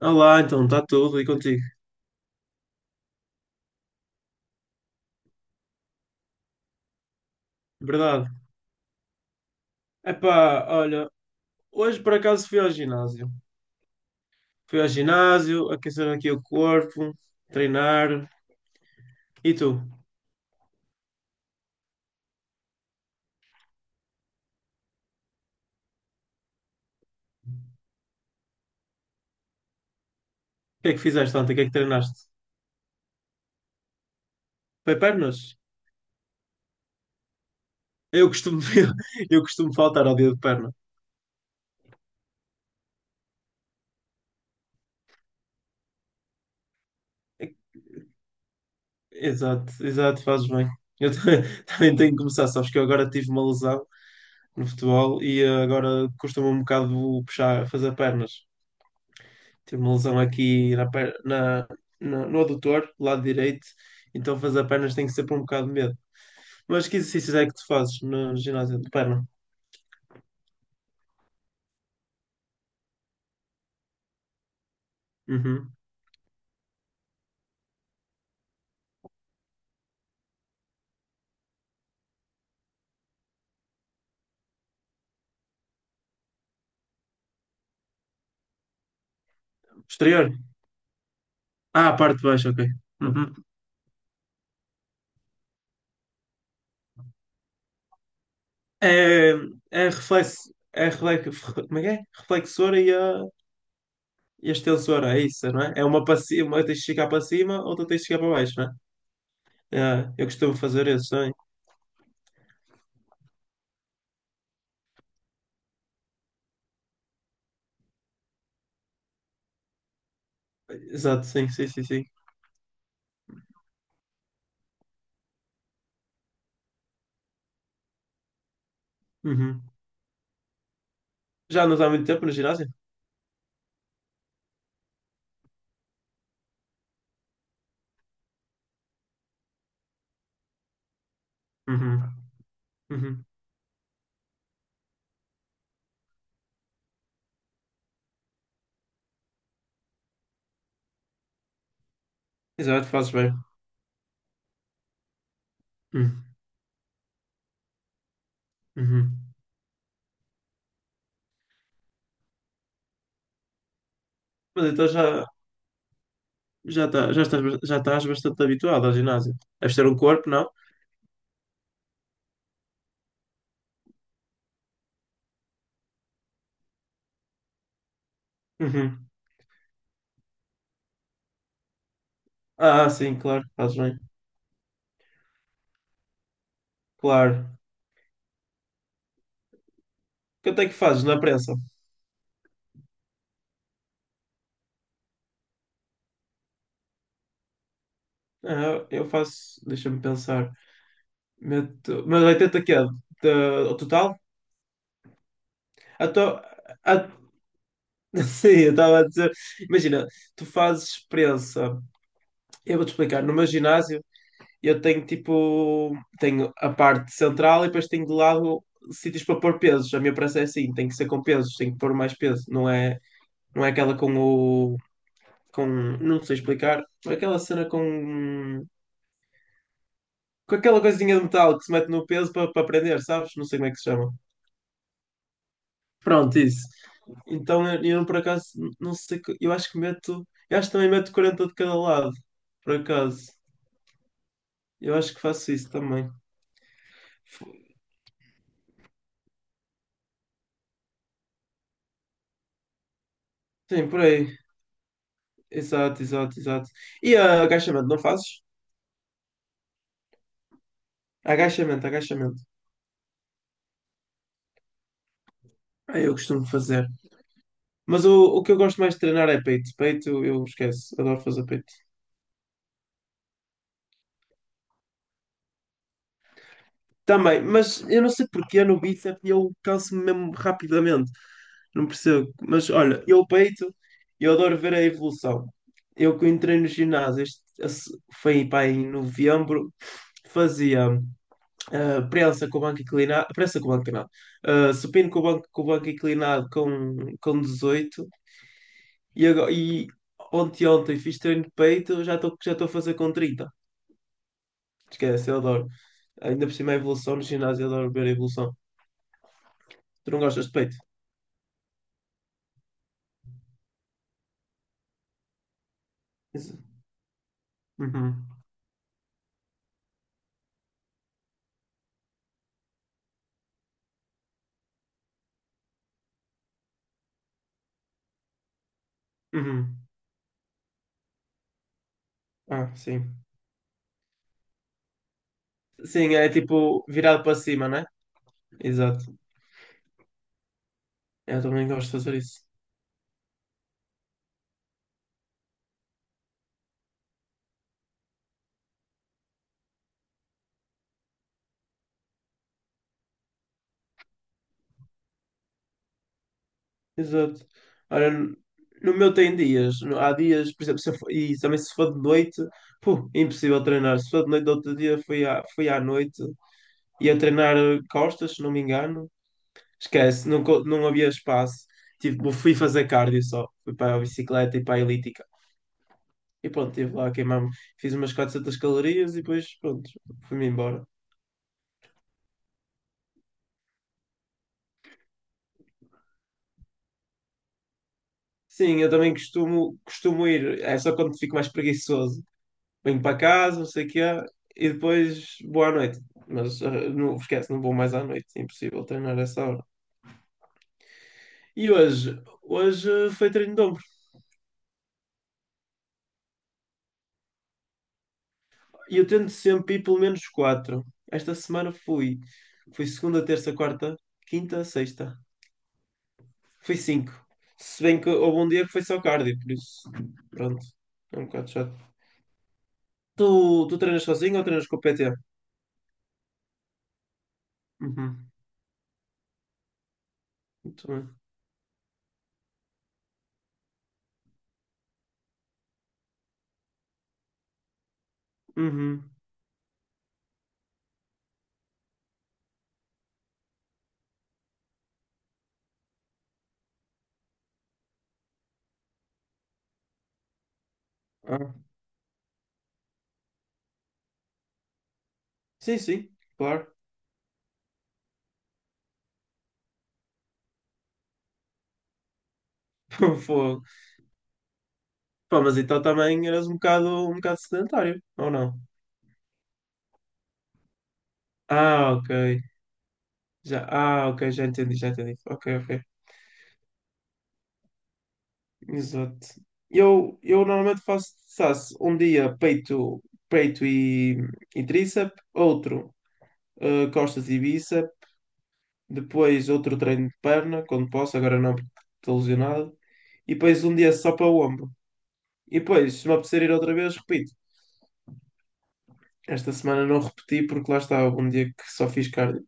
Olá, então está tudo e contigo? Verdade. Epá, olha, hoje por acaso fui ao ginásio. Fui ao ginásio, aquecer aqui o corpo, treinar. E tu? O que é que fizeste ontem? O que é que treinaste? Foi pernas? Eu costumo, eu costumo faltar ao dia de perna. Exato, exato, fazes bem. Eu também tenho que começar, sabes que eu agora tive uma lesão no futebol e agora custa-me um bocado puxar, fazer pernas. Tive uma lesão aqui na, per- na, na- no adutor, lado direito, então fazer pernas tem que ser por um bocado de medo. Mas que exercícios é que tu fazes no ginásio de perna? Uhum. Exterior? Ah, a parte de baixo, ok. Uhum. É, é reflexo, como é que é? Reflexora e a extensora, é isso, não é? É uma para cima, uma tens de chegar para cima, outra tens de chegar para baixo, não é? É, eu costumo fazer isso também. Exato, sim, sim, sim, sim. Uhum. Já não está há muito tempo no ginásio? Uhum. Uhum. Exato, fazes bem. Uhum. Uhum. Mas então já estás bastante habituado ao ginásio. Deves ter um corpo, não? Uhum. Ah, sim, claro, fazes bem. Claro. Quanto é que fazes na prensa? Ah, eu faço, deixa-me pensar. Meto, mas 80 que é? O total? Ah, tô, ah, sim, eu estava a dizer. Imagina, tu fazes prensa. Eu vou-te explicar. No meu ginásio, eu tenho tipo, tenho a parte central e depois tenho de lado sítios para pôr pesos. A minha prancha é assim, tem que ser com pesos, tem que pôr mais peso. Não é aquela não sei explicar, é aquela cena com aquela coisinha de metal que se mete no peso para prender, sabes? Não sei como é que se chama. Pronto, isso. Então eu por acaso, não sei, eu acho que meto, eu acho que também meto 40 de cada lado, por acaso. Eu acho que faço isso também. Sim, por aí. Exato, exato, exato. E agachamento, não fazes? Agachamento, agachamento. Ah, eu costumo fazer. Mas o que eu gosto mais de treinar é peito. Peito, eu esqueço. Adoro fazer peito. Também, mas eu não sei porquê no bíceps eu canso-me mesmo rapidamente. Não percebo. Mas olha, eu adoro ver a evolução. Eu que entrei no ginásio, foi pá, em novembro, fazia. Prensa com o banco inclinado, prensa com o banco inclinado, supino com o banco, inclinado com 18 e, agora, e ontem fiz treino de peito, já estou a fazer com 30. Esquece, eu adoro. Ainda por cima a evolução no ginásio, eu adoro ver a evolução. Tu não gostas de peito? Isso. Uhum. Uhum. Ah, sim. Sim, é tipo virado para cima, né? Exato. Eu também gosto de fazer isso. Exato. Ora, no meu tem dias. Há dias, por exemplo, se eu for- e também se for de noite, puh, é impossível treinar. Se for de noite, do outro dia fui à noite e a treinar costas, se não me engano. Esquece, não, não havia espaço. Tipo, fui fazer cardio só. Fui para a bicicleta e para a elíptica. E pronto, estive lá a queimar-me. Fiz umas 400 calorias e depois, pronto, fui-me embora. Sim, eu também costumo ir. É só quando fico mais preguiçoso. Venho para casa, não sei o quê, e depois vou à noite. Mas não esquece, não vou mais à noite, é impossível treinar essa hora. E hoje, foi treino de ombro. E eu tento sempre ir pelo menos quatro. Esta semana fui segunda, terça, quarta, quinta, sexta. Fui cinco. Se bem que houve um dia que foi só cardio, por isso, pronto, é um bocado chato. Tu treinas sozinho ou treinas com o PT? Uhum, muito bem. Uhum. Ah, sim, sim, claro. Fogo. Pá, mas então também eras um bocado sedentário, ou não? Ah, ok. Já, ok, já entendi, já entendi. Ok, ok. Exato. Eu normalmente faço, um dia peito, peito e tríceps, outro costas e bíceps, depois outro treino de perna, quando posso, agora não porque estou lesionado, e depois um dia só para o ombro. E depois, se me apetecer ir outra vez, repito. Esta semana não repeti porque lá estava um dia que só fiz cardio.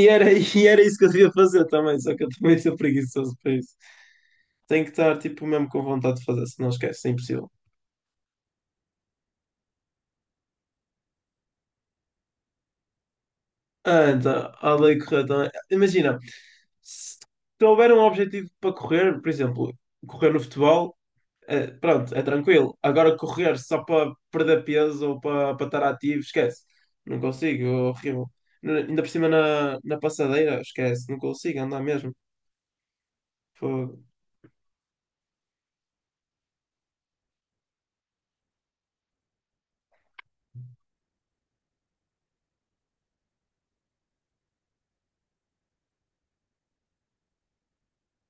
E era isso que eu devia fazer também, só que eu também sou preguiçoso para isso. Tenho que estar, tipo, mesmo com vontade de fazer, se não esquece, é impossível. Anda, a lei correr também. Imagina, se houver um objetivo para correr, por exemplo, correr no futebol, pronto, é tranquilo. Agora correr só para perder peso ou para estar ativo, esquece. Não consigo, é horrível. Ainda por cima na passadeira, esquece, não consigo andar mesmo. Fogo.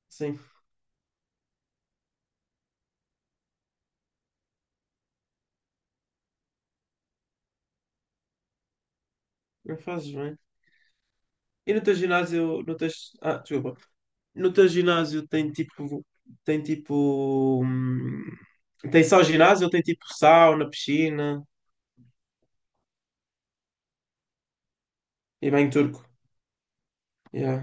Sim, não fazes bem. E no teu ginásio, no teu... Ah, desculpa. No teu ginásio tem tipo. Tem tipo. hum, Tem só ginásio ou tem tipo sauna, piscina e banho turco? Yeah.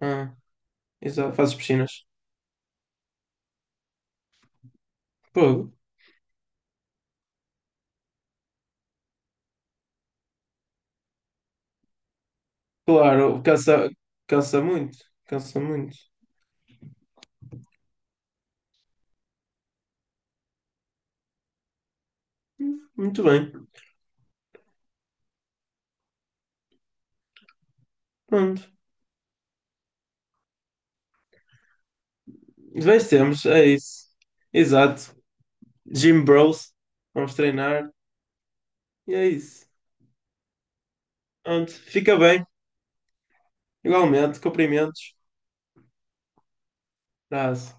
Ah, exato. Fazes piscinas. Pô, claro, cansa, cansa muito. Cansa muito. Muito bem. Pronto. Vencemos, é isso. Exato. Gym Bros. Vamos treinar. E é isso. Pronto. Fica bem. Igualmente. Cumprimentos. Abraço.